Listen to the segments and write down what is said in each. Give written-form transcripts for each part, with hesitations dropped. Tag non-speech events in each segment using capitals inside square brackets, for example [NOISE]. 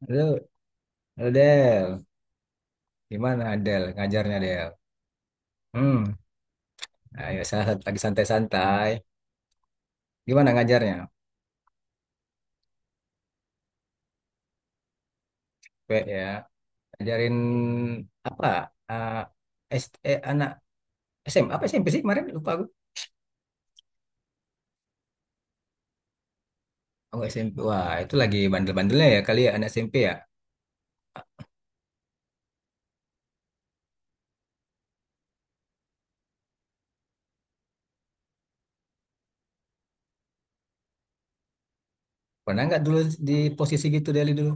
Halo, halo Del. Gimana Del ngajarnya Del? Hmm, Ayo lagi santai-santai. Gimana ngajarnya? P ya, ajarin apa? Ah, anak SM apa SMP sih kemarin? Lupa aku. Oh, SMP. Wah, itu lagi bandel-bandelnya ya kali ya anak SMP ya. Pernah nggak dulu di posisi gitu Deli dulu?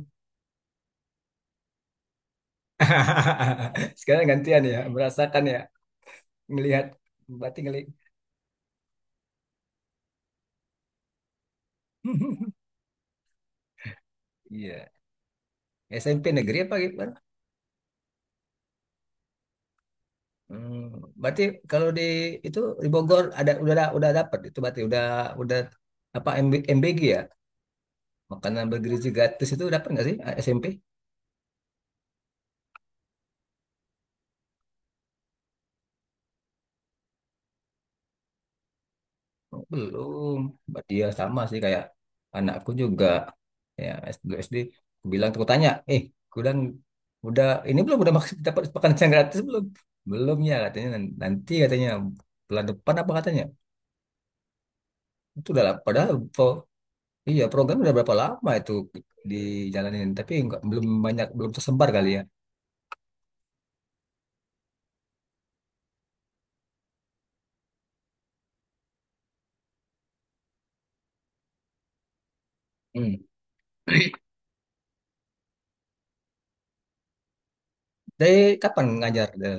[LAUGHS] Sekarang gantian ya, merasakan ya, melihat berarti ngeli. [LAUGHS] Iya. SMP negeri apa gitu? Hmm, Berarti kalau di itu di Bogor ada udah dapat itu berarti udah apa MBG ya, makanan bergizi gratis itu dapat nggak sih SMP? Oh, belum. Berarti ya sama sih kayak anakku juga ya S2 SD, aku bilang aku tanya, eh aku bilang udah ini belum, udah maksud dapat makanan yang gratis belum? Belum ya katanya, nanti katanya bulan depan apa katanya? Itu udah lah, padahal iya, program udah berapa lama itu dijalanin, tapi nggak belum banyak belum tersebar kali ya. Hmm. Dari kapan ngajar, Del?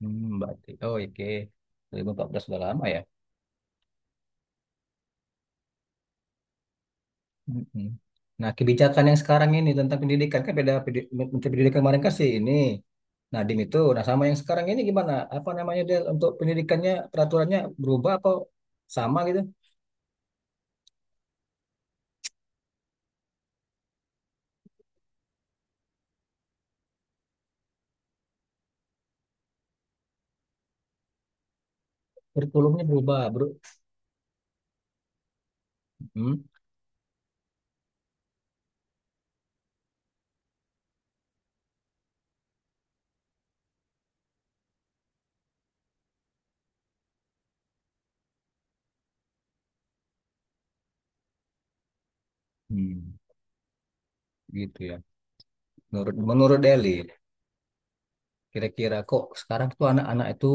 Berarti. Oh, oke. 2014 udah lama ya. Mm-mm. Nah, kebijakan yang sekarang ini tentang pendidikan kan beda, Menteri Pendidikan kemarin kan sih ini Nadiem itu. Nah, sama yang sekarang ini gimana? Apa namanya Del? Untuk pendidikannya peraturannya berubah apa sama gitu? Kurikulumnya berubah, Bro. Hmm. Hmm. Gitu ya. Menurut menurut Deli, kira-kira kok sekarang tuh anak-anak itu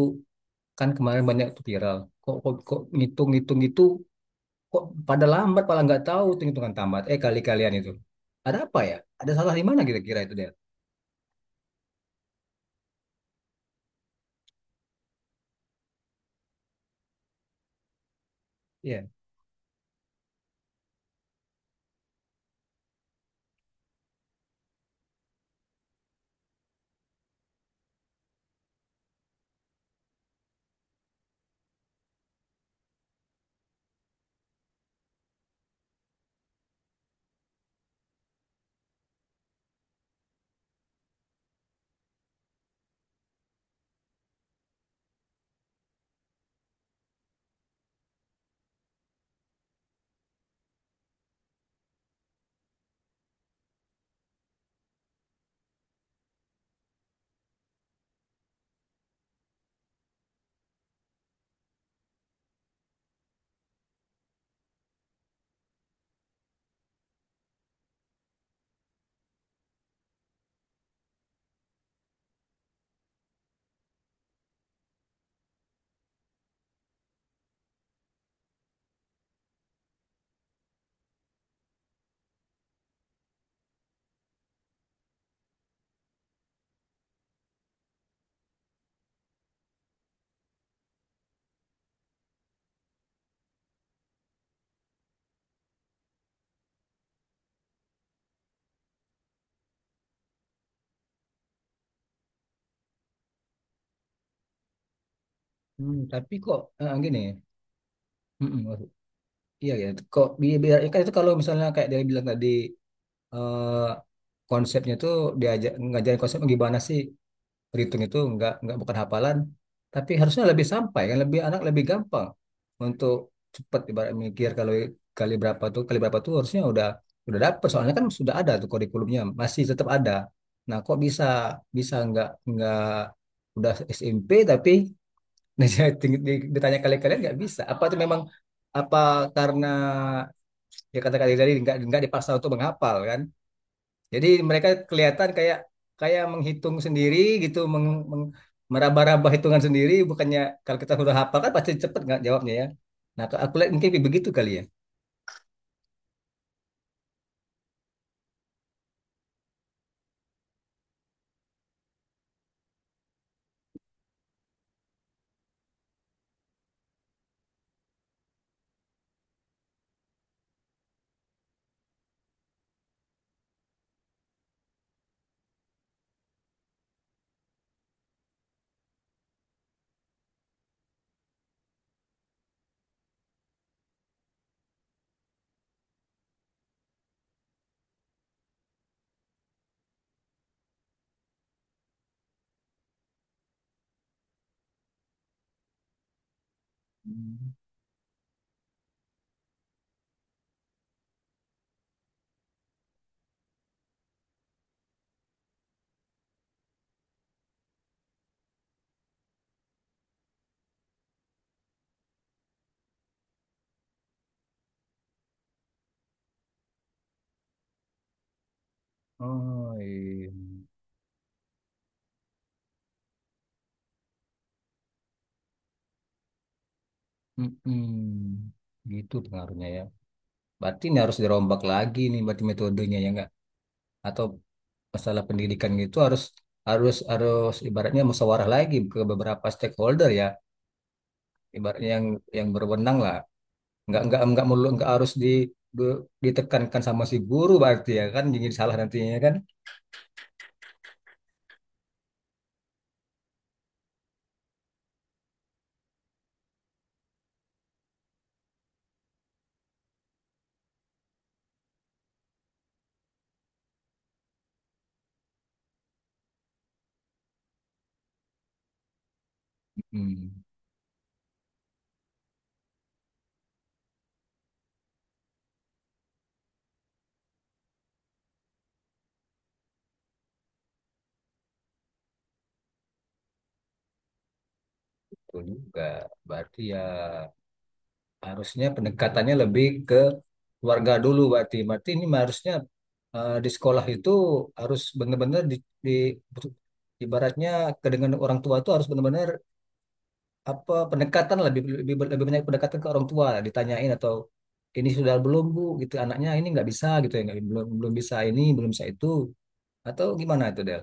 kan kemarin banyak tuh viral. Kok kok, kok ngitung-ngitung itu kok pada lambat, malah nggak tahu tuh hitungan tamat. Eh, kali-kalian itu. Ada apa ya? Ada salah di mana kira-kira itu dia? Iya. Tapi kok, gini. Mm-mm, iya ya. Kok biar kan itu kalau misalnya kayak dia bilang tadi, eh, konsepnya tuh, diajak ngajarin konsep gimana sih? Berhitung itu nggak bukan hafalan, tapi harusnya lebih sampai kan, lebih anak lebih gampang untuk cepat, ibarat mikir kalau kali berapa tuh harusnya udah dapet, soalnya kan sudah ada tuh kurikulumnya masih tetap ada. Nah kok bisa bisa nggak udah SMP tapi [LAUGHS] ditanya kali-kali nggak bisa. Apa itu memang apa, karena ya kata-kata tadi nggak dipaksa untuk menghafal kan? Jadi mereka kelihatan kayak kayak menghitung sendiri gitu, meng, meng- meraba-raba hitungan sendiri. Bukannya kalau kita sudah hafal kan pasti cepet nggak jawabnya ya. Nah, aku lihat mungkin begitu kali ya. Hmm. Oh iya. Mm-mm. Gitu pengaruhnya ya. Berarti ini harus dirombak lagi nih, berarti metodenya ya nggak? Atau masalah pendidikan gitu harus harus harus ibaratnya musyawarah lagi ke beberapa stakeholder ya, ibaratnya yang berwenang lah. Nggak melulu nggak harus di be- ditekankan sama si guru, berarti ya kan jadi salah nantinya ya kan. hmm, Betul juga berarti ya, harusnya pendekatannya lebih ke keluarga dulu, berarti berarti ini harusnya, di sekolah itu harus benar-benar di ibaratnya ke dengan orang tua itu harus benar-benar apa, pendekatan lah, lebih, lebih lebih banyak pendekatan ke orang tua, ditanyain atau ini sudah belum bu gitu, anaknya ini nggak bisa gitu ya, nggak belum belum bisa ini, belum bisa itu. Atau gimana itu Del?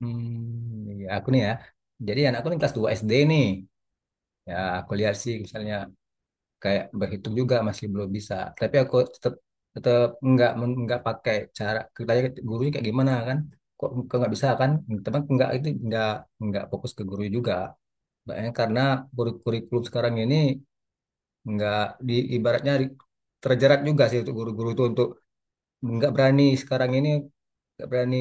Ya aku nih ya. Jadi anakku nih kelas 2 SD nih. Ya aku lihat sih misalnya kayak berhitung juga masih belum bisa. Tapi aku tetap tetap nggak pakai cara kita, gurunya kayak gimana kan? Kok kok nggak bisa kan? Teman nggak itu nggak fokus ke guru juga. Makanya karena kurikulum sekarang ini nggak di ibaratnya terjerat juga sih untuk guru-guru itu, untuk nggak berani sekarang ini, nggak berani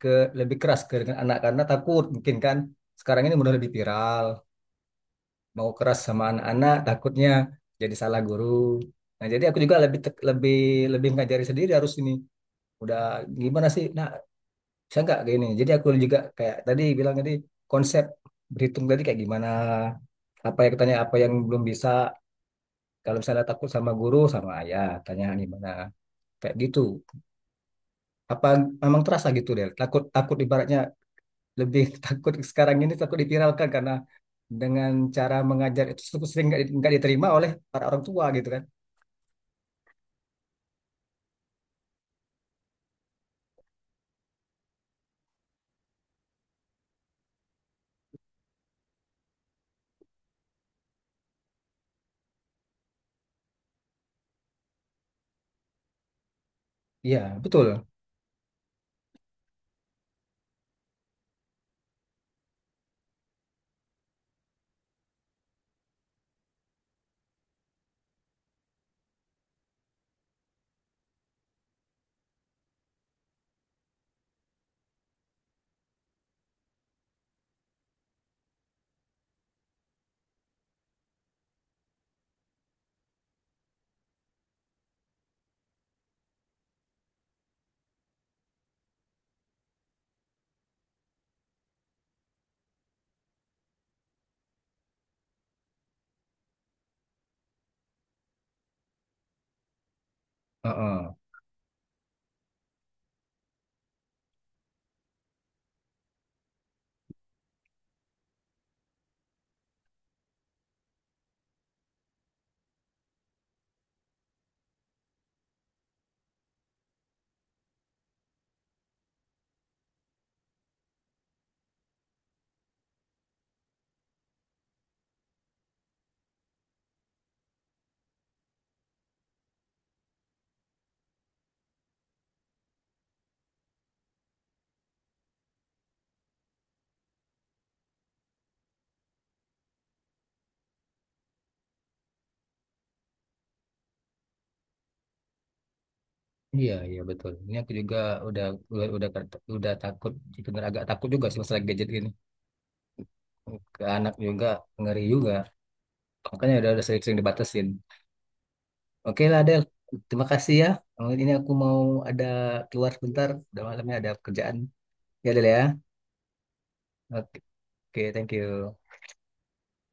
ke lebih keras ke dengan anak, karena takut mungkin kan sekarang ini udah lebih viral, mau keras sama anak-anak takutnya jadi salah guru. Nah jadi aku juga lebih tek- lebih lebih ngajari sendiri, harus ini udah gimana sih, nah bisa nggak kayak gini, jadi aku juga kayak tadi bilang tadi, konsep berhitung tadi kayak gimana, apa yang tanya, apa yang belum bisa, kalau misalnya takut sama guru, sama ayah tanya gimana, kayak gitu. Apa memang terasa gitu deh, takut takut ibaratnya, lebih [LAUGHS] takut sekarang ini, takut dipiralkan karena dengan cara mengajar itu sering nggak diterima oleh para orang tua gitu kan. Iya betul. Heeh. Iya iya betul, ini aku juga udah udah udah, udah takut bener, agak takut juga sih masalah gadget gini, ke anak juga ngeri juga, makanya udah sering-sering dibatasin. Oke lah Del, terima kasih ya. Oh, ini aku mau ada keluar sebentar, udah malamnya ada kerjaan ya Del ya. Oke, oke, thank you.